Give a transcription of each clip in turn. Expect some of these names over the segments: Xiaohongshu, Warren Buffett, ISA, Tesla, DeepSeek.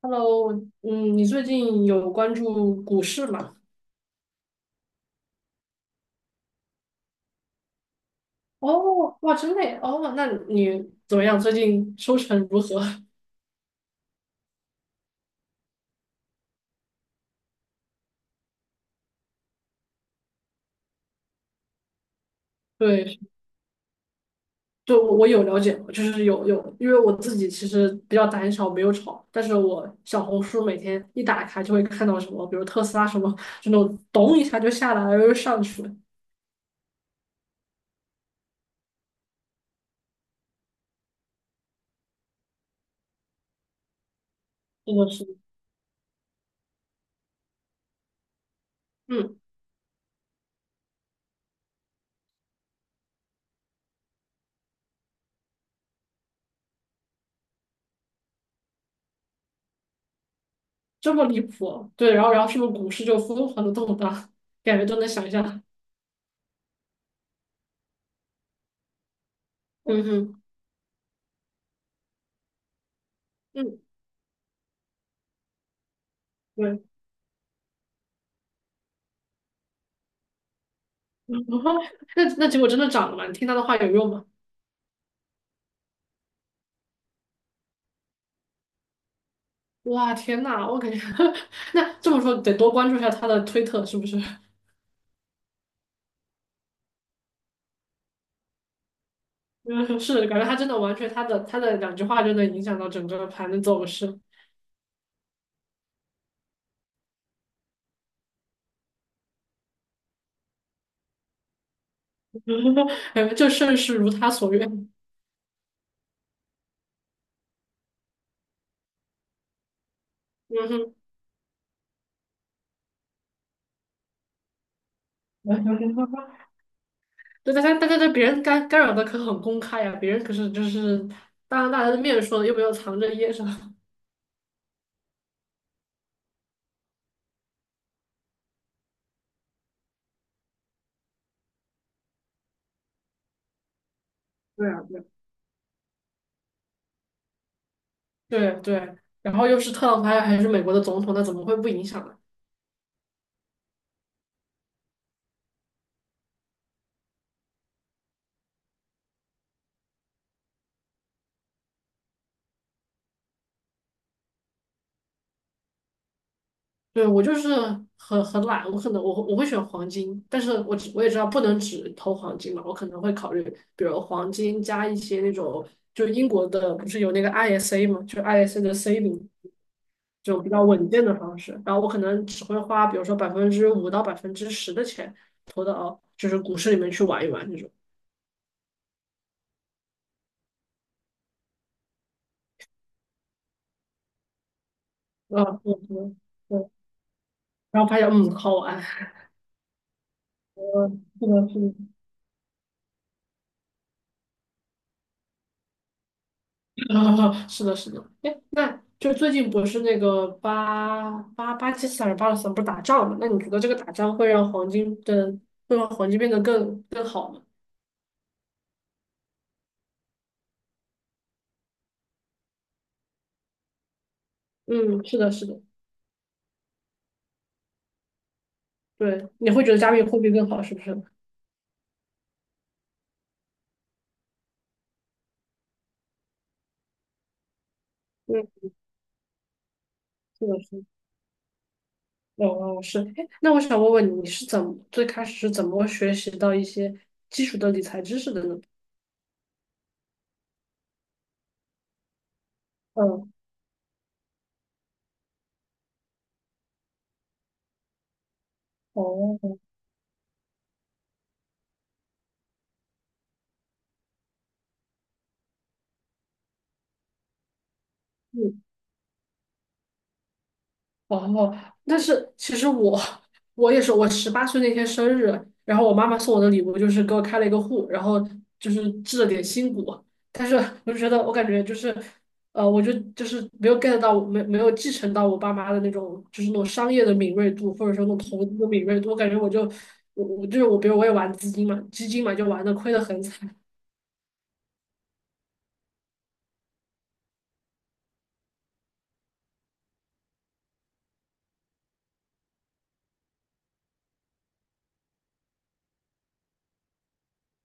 Hello，嗯，你最近有关注股市吗？哦，哇，真的耶哦，那你怎么样？最近收成如何？对，对，我有了解，就是有，因为我自己其实比较胆小，没有炒，但是我小红书每天一打开就会看到什么，比如特斯拉什么，就那种咚一下就下来了，又上去了，真的是，嗯，这么离谱哦，对，然后是不是股市就疯狂的动荡，感觉都能想象，嗯哼，嗯，对。那结果真的涨了吗？你听他的话有用吗？哇，天呐，我感觉。 那这么说得多关注一下他的推特，是不是？嗯是，感觉他真的完全他的两句话就能影响到整个盘的走势。哎，这盛世如他所愿。嗯哼。对，大家对别人干扰的可很公开呀、别人可是就是当着大家的面说的，又没有藏着掖着。对啊，对啊，对对，然后又是特朗普，还是美国的总统，那怎么会不影响呢？对，我就是很懒，我可能我会选黄金，但是我只我也知道不能只投黄金嘛，我可能会考虑，比如黄金加一些那种，就英国的不是有那个 ISA 嘛，就 ISA 的 saving 这种比较稳健的方式，然后我可能只会花，比如说5%到10%的钱投到就是股市里面去玩一玩这种。啊，对对对，然后发现嗯好玩，嗯，是的，是的。 啊，是的，是的，哎，那就最近不是那个巴基斯坦、巴勒斯坦不是打仗嘛？那你觉得这个打仗会让黄金的，会让黄金变得更好吗？嗯，是的，是的。对，你会觉得加密货币更好，是不是？嗯，是的，是的，哦哦，是。哎，那我想问问你，你是怎么最开始是怎么学习到一些基础的理财知识的呢？嗯，嗯。哦，嗯。哦，但是其实我也是，我18岁那天生日，然后我妈妈送我的礼物就是给我开了一个户，然后就是置了点新股，但是我就觉得我感觉就是，我就就是没有 get 到，没有继承到我爸妈的那种就是那种商业的敏锐度，或者说那种投资的敏锐度，我感觉我就是我，比如我也玩资金嘛，基金嘛就玩的亏的很惨。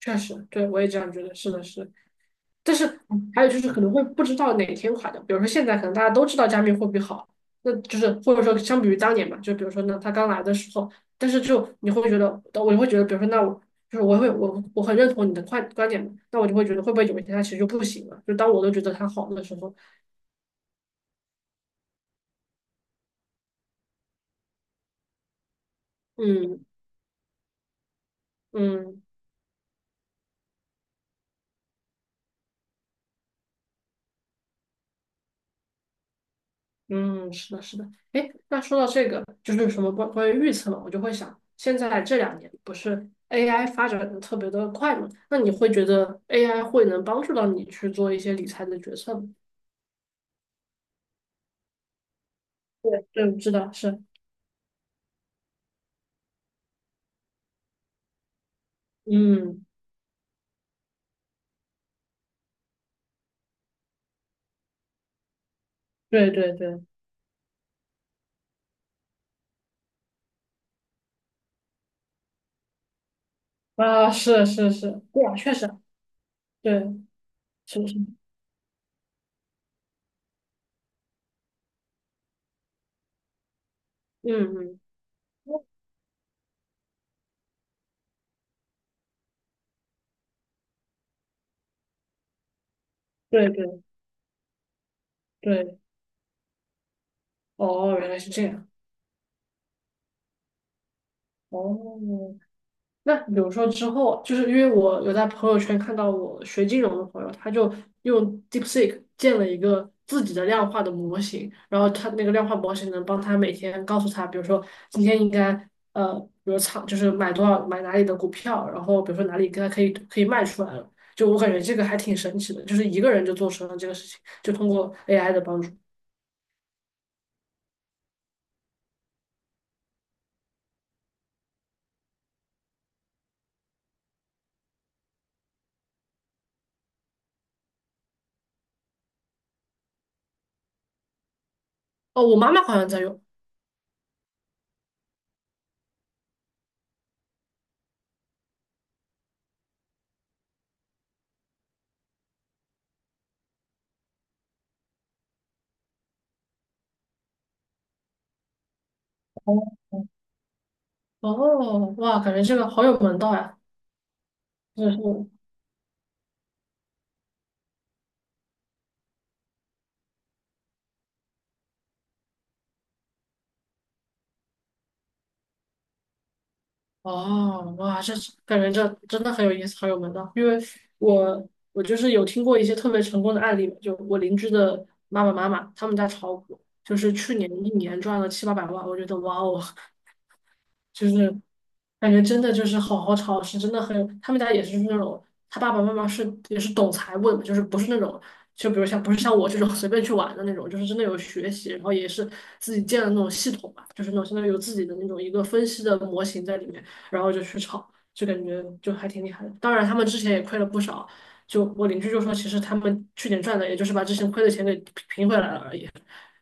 确实，对我也这样觉得，是的是的。但是还有就是可能会不知道哪天垮掉，比如说现在可能大家都知道加密货币好，那就是或者说相比于当年嘛，就比如说呢，他刚来的时候，但是就你会觉得，我就会觉得，比如说那我就是我会我很认同你的观点嘛，那我就会觉得会不会有一天它其实就不行了，就当我都觉得它好的时候。嗯嗯。嗯，是的，是的。哎，那说到这个，就是什么关于预测嘛，我就会想，现在这两年不是 AI 发展的特别的快嘛？那你会觉得 AI 会能帮助到你去做一些理财的决策吗？对，对，知道是，嗯，对对对，啊，是是是，对啊，确实，对，是是，嗯嗯，对对对，哦，原来是这样。哦，那比如说之后，就是因为我有在朋友圈看到我学金融的朋友，他就用 DeepSeek 建了一个自己的量化的模型，然后他那个量化模型能帮他每天告诉他，比如说今天应该呃，比如仓就是买多少买哪里的股票，然后比如说哪里该可以卖出来了。就我感觉这个还挺神奇的，就是一个人就做成了这个事情，就通过 AI 的帮助。哦，我妈妈好像在用。哦，哇，感觉这个好有门道呀！就是。哦，哇，这感觉这真的很有意思，很有门道。因为我就是有听过一些特别成功的案例，就我邻居的妈妈，他们家炒股，就是去年一年赚了七八百万，我觉得哇哦，就是感觉真的就是好好炒，是真的很，他们家也是那种，他爸爸妈妈是也是懂财务的嘛，就是不是那种，就比如像不是像我这种 随便去玩的那种，就是真的有学习，然后也是自己建的那种系统吧，就是那种相当于有自己的那种一个分析的模型在里面，然后就去炒，就感觉就还挺厉害的。当然，他们之前也亏了不少，就我邻居就说，其实他们去年赚的，也就是把之前亏的钱给平回来了而已，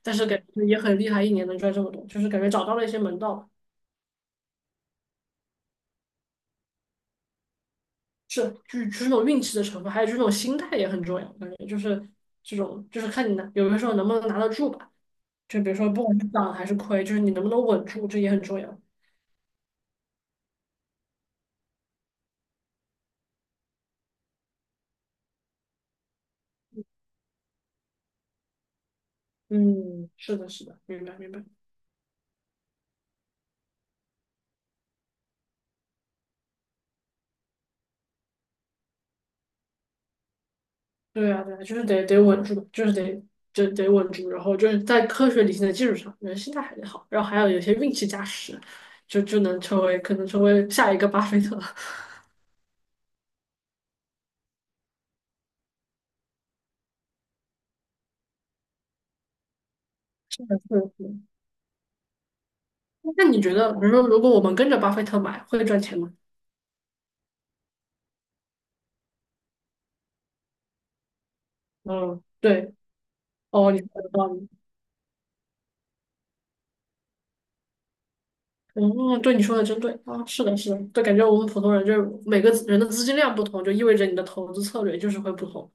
但是感觉也很厉害，一年能赚这么多，就是感觉找到了一些门道。是，就是就是那种运气的成分，还有就是那种心态也很重要。感觉就是这种，就是看你拿，有的时候能不能拿得住吧。就比如说，不管是涨还是亏，就是你能不能稳住，这也很重要。嗯，是的，是的，明白明白。对啊，对啊，就是得稳住，就是得就得稳住，然后就是在科学理性的基础上，人心态还得好，然后还有有些运气加持，就能成为可能成为下一个巴菲特。是的，是的是的。那你觉得，比如说，如果我们跟着巴菲特买，会赚钱吗？嗯，对，哦，你说的道理。嗯，对你说的真对啊，是的，是的，就感觉我们普通人就是每个人的资金量不同，就意味着你的投资策略就是会不同。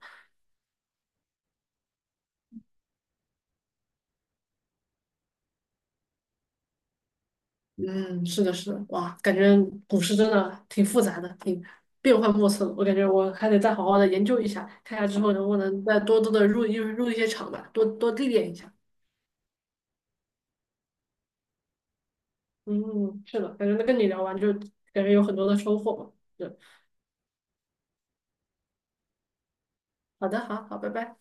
嗯，是的，是的，哇，感觉股市真的挺复杂的，挺变幻莫测的。我感觉我还得再好好的研究一下，看下之后能不能再多多的入一些场吧，多多历练一下。嗯，是的，感觉跟你聊完就感觉有很多的收获嘛。对，好的，好好，拜拜。